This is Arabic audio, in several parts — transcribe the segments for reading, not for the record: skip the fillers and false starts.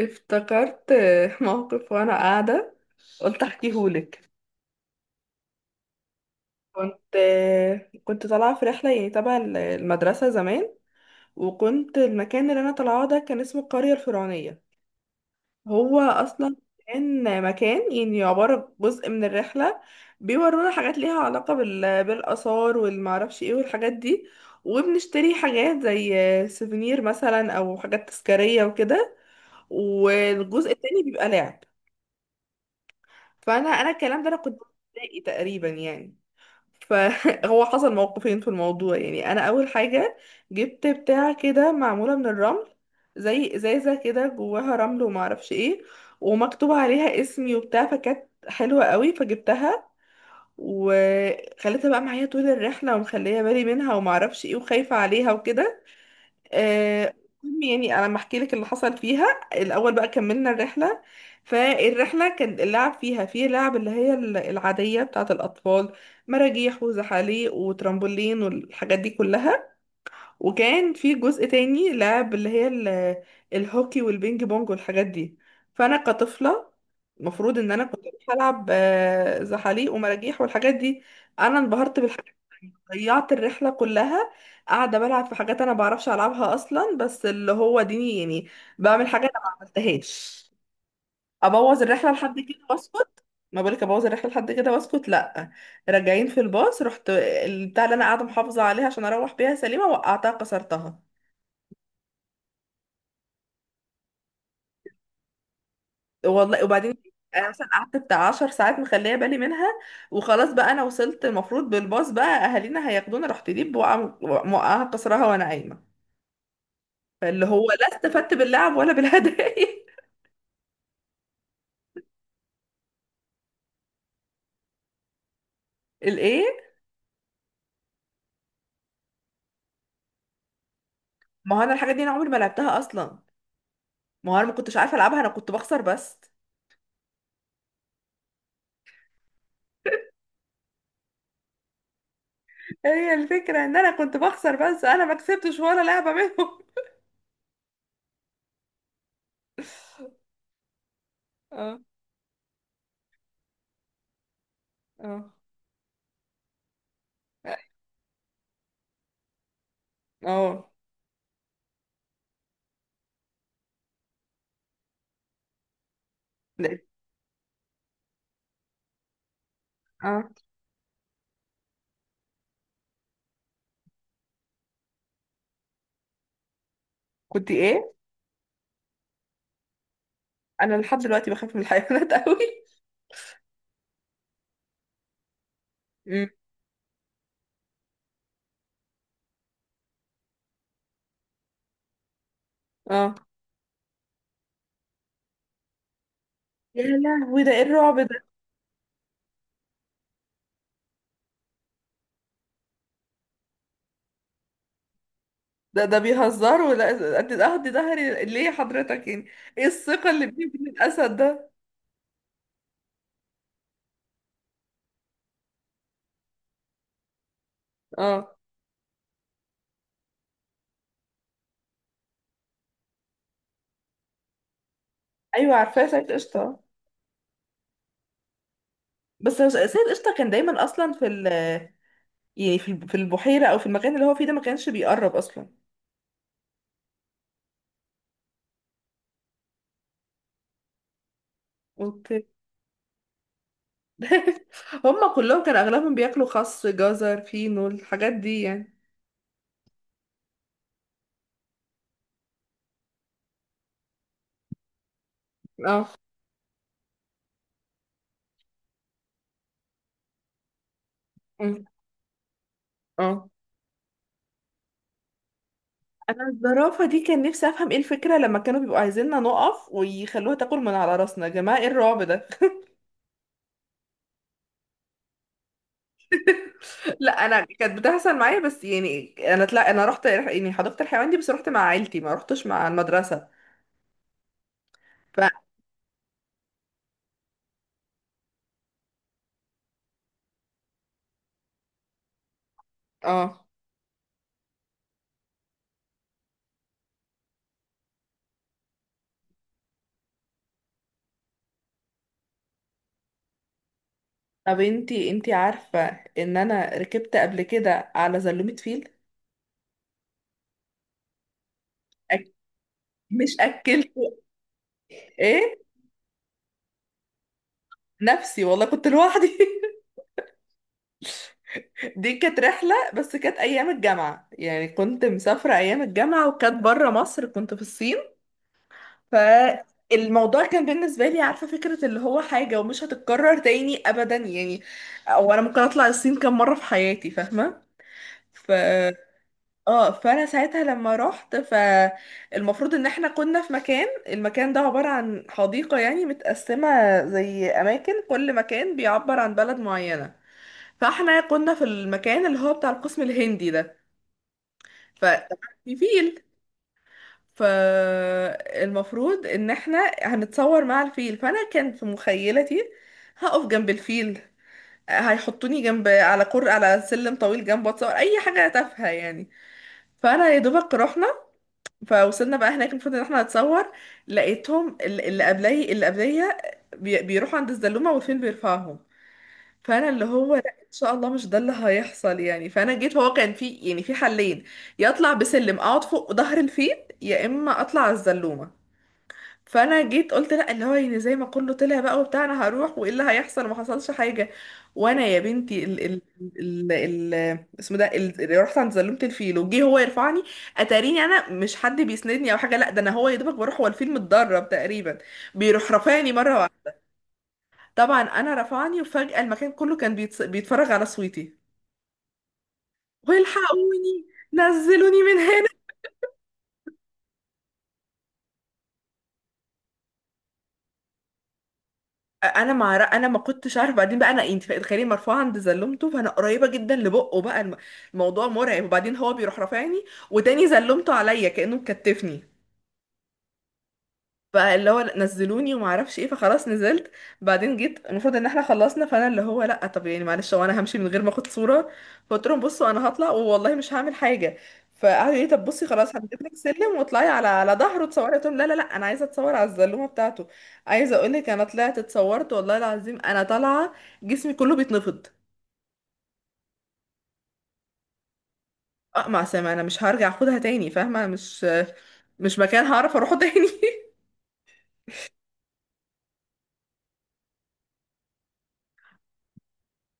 افتكرت موقف وانا قاعده. قلت احكيهولك. كنت كنت طالعه في رحله يعني تبع المدرسه زمان، وكنت المكان اللي انا طالعاه ده كان اسمه القريه الفرعونيه. هو اصلا كان مكان يعني عباره جزء من الرحله، بيورونا حاجات ليها علاقه بالاثار والمعرفش ايه والحاجات دي، وبنشتري حاجات زي سيفونير مثلا او حاجات تذكاريه وكده، والجزء التاني بيبقى لعب. فانا الكلام ده انا كنت في ابتدائي تقريبا يعني. فهو حصل موقفين في الموضوع يعني. انا اول حاجه جبت بتاع كده معموله من الرمل، زي ازازه كده جواها رمل وما اعرفش ايه، ومكتوب عليها اسمي وبتاع، فكانت حلوه قوي فجبتها، وخليتها بقى معايا طول الرحله ومخليه بالي منها وما اعرفش ايه وخايفه عليها وكده. آه، المهم يعني انا لما احكي لك اللي حصل فيها. الاول بقى كملنا الرحله، فالرحله كان اللعب فيها فيه لعب اللي هي العاديه بتاعه الاطفال، مراجيح وزحاليق وترامبولين والحاجات دي كلها. وكان في جزء تاني لعب اللي هي الهوكي والبينج بونج والحاجات دي. فانا كطفله المفروض ان انا كنت بروح العب زحاليق ومراجيح والحاجات دي. انا انبهرت بالحاجات دي. ضيعت الرحله كلها قاعده بلعب في حاجات انا بعرفش العبها اصلا، بس اللي هو ديني يعني بعمل حاجه انا ما عملتهاش. ابوظ الرحله لحد كده واسكت؟ ما بالك ابوظ الرحله لحد كده واسكت، لا. راجعين في الباص رحت البتاع اللي انا قاعده محافظه عليها عشان اروح بيها سليمه، وقعتها كسرتها. والله. وبعدين انا مثلا قعدت بتاع 10 ساعات مخليه بالي منها، وخلاص بقى انا وصلت المفروض بالباص بقى اهالينا هياخدونا، رحت دي بوقع موقعها كسرها وانا قايمه. فاللي هو لا استفدت باللعب ولا بالهدايا. الايه؟ ما هو انا الحاجه دي انا عمري ما لعبتها اصلا، ما هو انا ما كنتش عارفه العبها، انا كنت بخسر بس. هي الفكره ان انا كنت بخسر بس، انا ما كسبتش ولا لعبه منهم. اه. اه. اه. لقيت- اه. كنت ايه؟ انا لحد دلوقتي بخاف من الحيوانات قوي. امم. اه. يا لهوي، ده ايه الرعب ده؟ ده بيهزروا، لا قد اهدي ظهري ليه حضرتك يعني؟ ايه الثقة اللي بيني وبين الاسد ده؟ اه. ايوه عارفاه سيد قشطة. بس هو سيد قشطة كان دايما اصلا في ال، يعني في في البحيرة او في المكان اللي هو فيه ده، ما كانش بيقرب اصلا. اوكي. هم كلهم كان اغلبهم بياكلوا خس جزر فينو الحاجات دي يعني. اه. أمم. اه. انا الزرافة دي كان نفسي افهم ايه الفكرة لما كانوا بيبقوا عايزيننا نقف ويخلوها تاكل من على راسنا؟ يا جماعة ايه الرعب ده؟ لا انا كانت بتحصل معايا، بس يعني انا طلع انا رحت يعني حديقة الحيوان دي بس رحت مع عيلتي، ما رحتش مع المدرسة. ف، اه. طب انتي عارفة ان انا ركبت قبل كده على زلومة فيل؟ أك... مش اكلته. ايه. نفسي والله كنت لوحدي. دي كانت رحلة بس كانت ايام الجامعة يعني، كنت مسافرة ايام الجامعة وكانت بره مصر، كنت في الصين. فالموضوع كان بالنسبة لي عارفة فكرة اللي هو حاجة ومش هتتكرر تاني أبدا يعني. أو أنا ممكن أطلع الصين كم مرة في حياتي، فاهمة؟ ف، اه. فأنا ساعتها لما رحت، فالمفروض إن احنا كنا في مكان. المكان ده عبارة عن حديقة يعني متقسمة زي أماكن، كل مكان بيعبر عن بلد معينة. فاحنا كنا في المكان اللي هو بتاع القسم الهندي ده. ف، في فيل. فالمفروض ان احنا هنتصور مع الفيل. فانا كان في مخيلتي هقف جنب الفيل، هيحطوني جنب على كر على سلم طويل جنبه اتصور اي حاجه تافهه يعني. فانا يا دوبك رحنا، فوصلنا بقى هناك المفروض ان احنا نتصور. لقيتهم اللي قبلي اللي قبليه بيروحوا عند الزلومه والفيل بيرفعهم. فانا اللي هو لا، ان شاء الله مش ده اللي هيحصل يعني. فانا جيت هو كان في يعني في حلين، يا اطلع بسلم اقعد فوق ظهر الفيل، يا اما اطلع على الزلومه. فانا جيت قلت لا، اللي هو يعني زي ما كله طلع بقى وبتاع انا هروح وايه اللي هيحصل، ما حصلش حاجه. وانا يا بنتي ال ال ال ال اسمه ده اللي رحت عند زلمه الفيل، وجه هو يرفعني. اتاريني انا مش حد بيسندني او حاجه، لا ده انا هو يا دوبك بروح، هو الفيل متدرب تقريبا، بيروح رفعني مره واحده. طبعا انا رفعني وفجاه المكان كله كان بيتفرج على صوتي، والحقوني نزلوني من هنا. انا مع، انا ما كنتش عارفه بعدين بقى، انا انت تخيلي مرفوعه عند زلمته فانا قريبه جدا لبقه بقى، الموضوع مرعب، وبعدين هو بيروح رافعني وتاني زلمته عليا كانه مكتفني. فاللي هو لأ، نزلوني وما اعرفش ايه، فخلاص نزلت. بعدين جيت المفروض ان احنا خلصنا، فانا اللي هو لا طب يعني معلش، هو انا همشي من غير ما اخد صوره؟ فقلت لهم بصوا انا هطلع والله، مش هعمل حاجه. فقعدوا يقولوا لي طب بصي خلاص هنجيب لك سلم واطلعي على على ظهره اتصوري، قلت لهم لا لا لا، انا عايزه اتصور على الزلومه بتاعته. عايزه اقول لك انا طلعت اتصورت والله العظيم، انا طالعه جسمي كله بيتنفض. اقمع سامع، انا مش هرجع اخدها تاني فاهمه؟ أنا مش مش مكان هعرف اروحه تاني.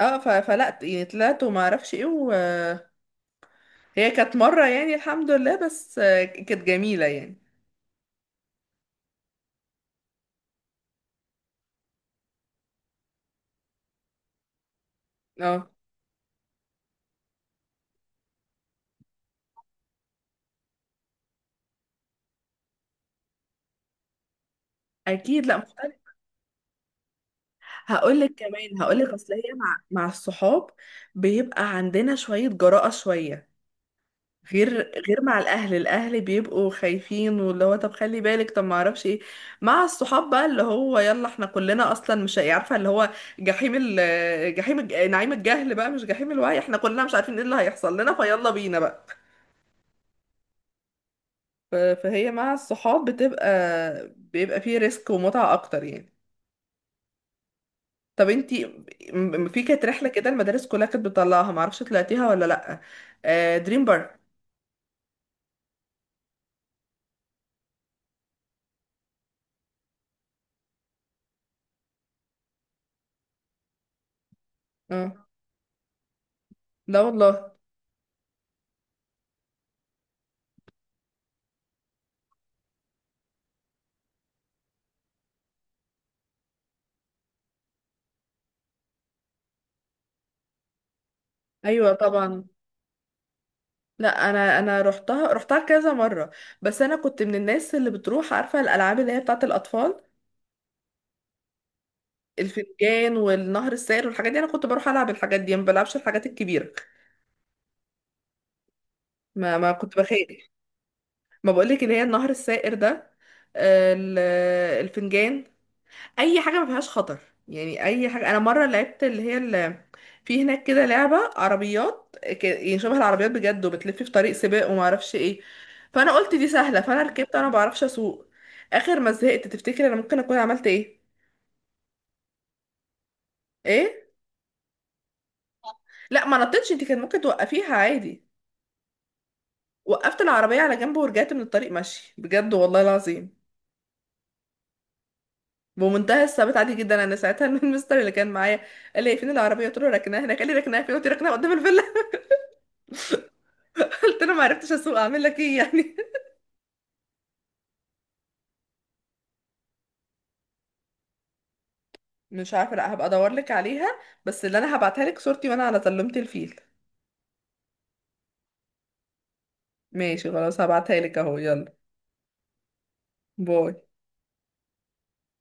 اه، فلا يعني طلعت وما اعرفش ايه و، هي كانت مرة يعني الحمد لله، بس كانت جميلة يعني. اه. اكيد، لا مختلف. هقول لك كمان، هقول لك اصل هي مع الصحاب بيبقى عندنا شوية جراءة، شوية غير مع الاهل، الاهل بيبقوا خايفين واللي هو طب خلي بالك طب ما اعرفش ايه. مع الصحاب بقى اللي هو يلا احنا كلنا اصلا مش عارفه اللي هو جحيم ال جحيم الج- نعيم الجهل بقى مش جحيم الوعي، احنا كلنا مش عارفين ايه اللي هيحصل لنا، فيلا بينا بقى. فهي مع الصحاب بتبقى بيبقى فيه ريسك ومتعة اكتر يعني. طب انتي في كانت رحلة كده المدارس كلها كانت بتطلعها، معرفش طلعتيها ولا لأ؟ دريم بارك. اه. لا والله. ايوه طبعا. لا انا انا رحتها، رحتها كذا مرة. بس انا كنت من الناس اللي بتروح عارفة الالعاب اللي هي بتاعة الاطفال، الفنجان والنهر السائر والحاجات دي. انا كنت بروح العب الحاجات دي، ما بلعبش الحاجات الكبيرة. ما كنت بخاف. ما بقولك اللي هي النهر السائر ده، آه، ال- الفنجان. اي حاجه ما فيهاش خطر يعني. اي حاجه. انا مره لعبت اللي هي اللي في هناك كده لعبه عربيات، يعني شبه العربيات بجد، وبتلف في طريق سباق وما اعرفش ايه. فانا قلت دي سهله فانا ركبت، انا ما بعرفش اسوق. اخر ما زهقت تفتكر انا ممكن اكون عملت ايه؟ ايه؟ لا ما نطيتش، انت كان ممكن توقفيها عادي. وقفت العربيه على جنب ورجعت من الطريق ماشي بجد والله العظيم، بمنتهى الثبات عادي جدا. انا ساعتها المستر اللي كان معايا قال لي "إيه، فين العربيه؟" قلت له ركناها هناك. قال لي ركناها فين؟ قلت له ركناها قدام الفيلا. قلت له ما عرفتش اسوق، اعمل لك ايه يعني؟ مش عارفه، لا هبقى ادور لك عليها. بس اللي انا هبعتها لك صورتي وانا على سلمت الفيل. ماشي خلاص هبعتها لك اهو، يلا باي.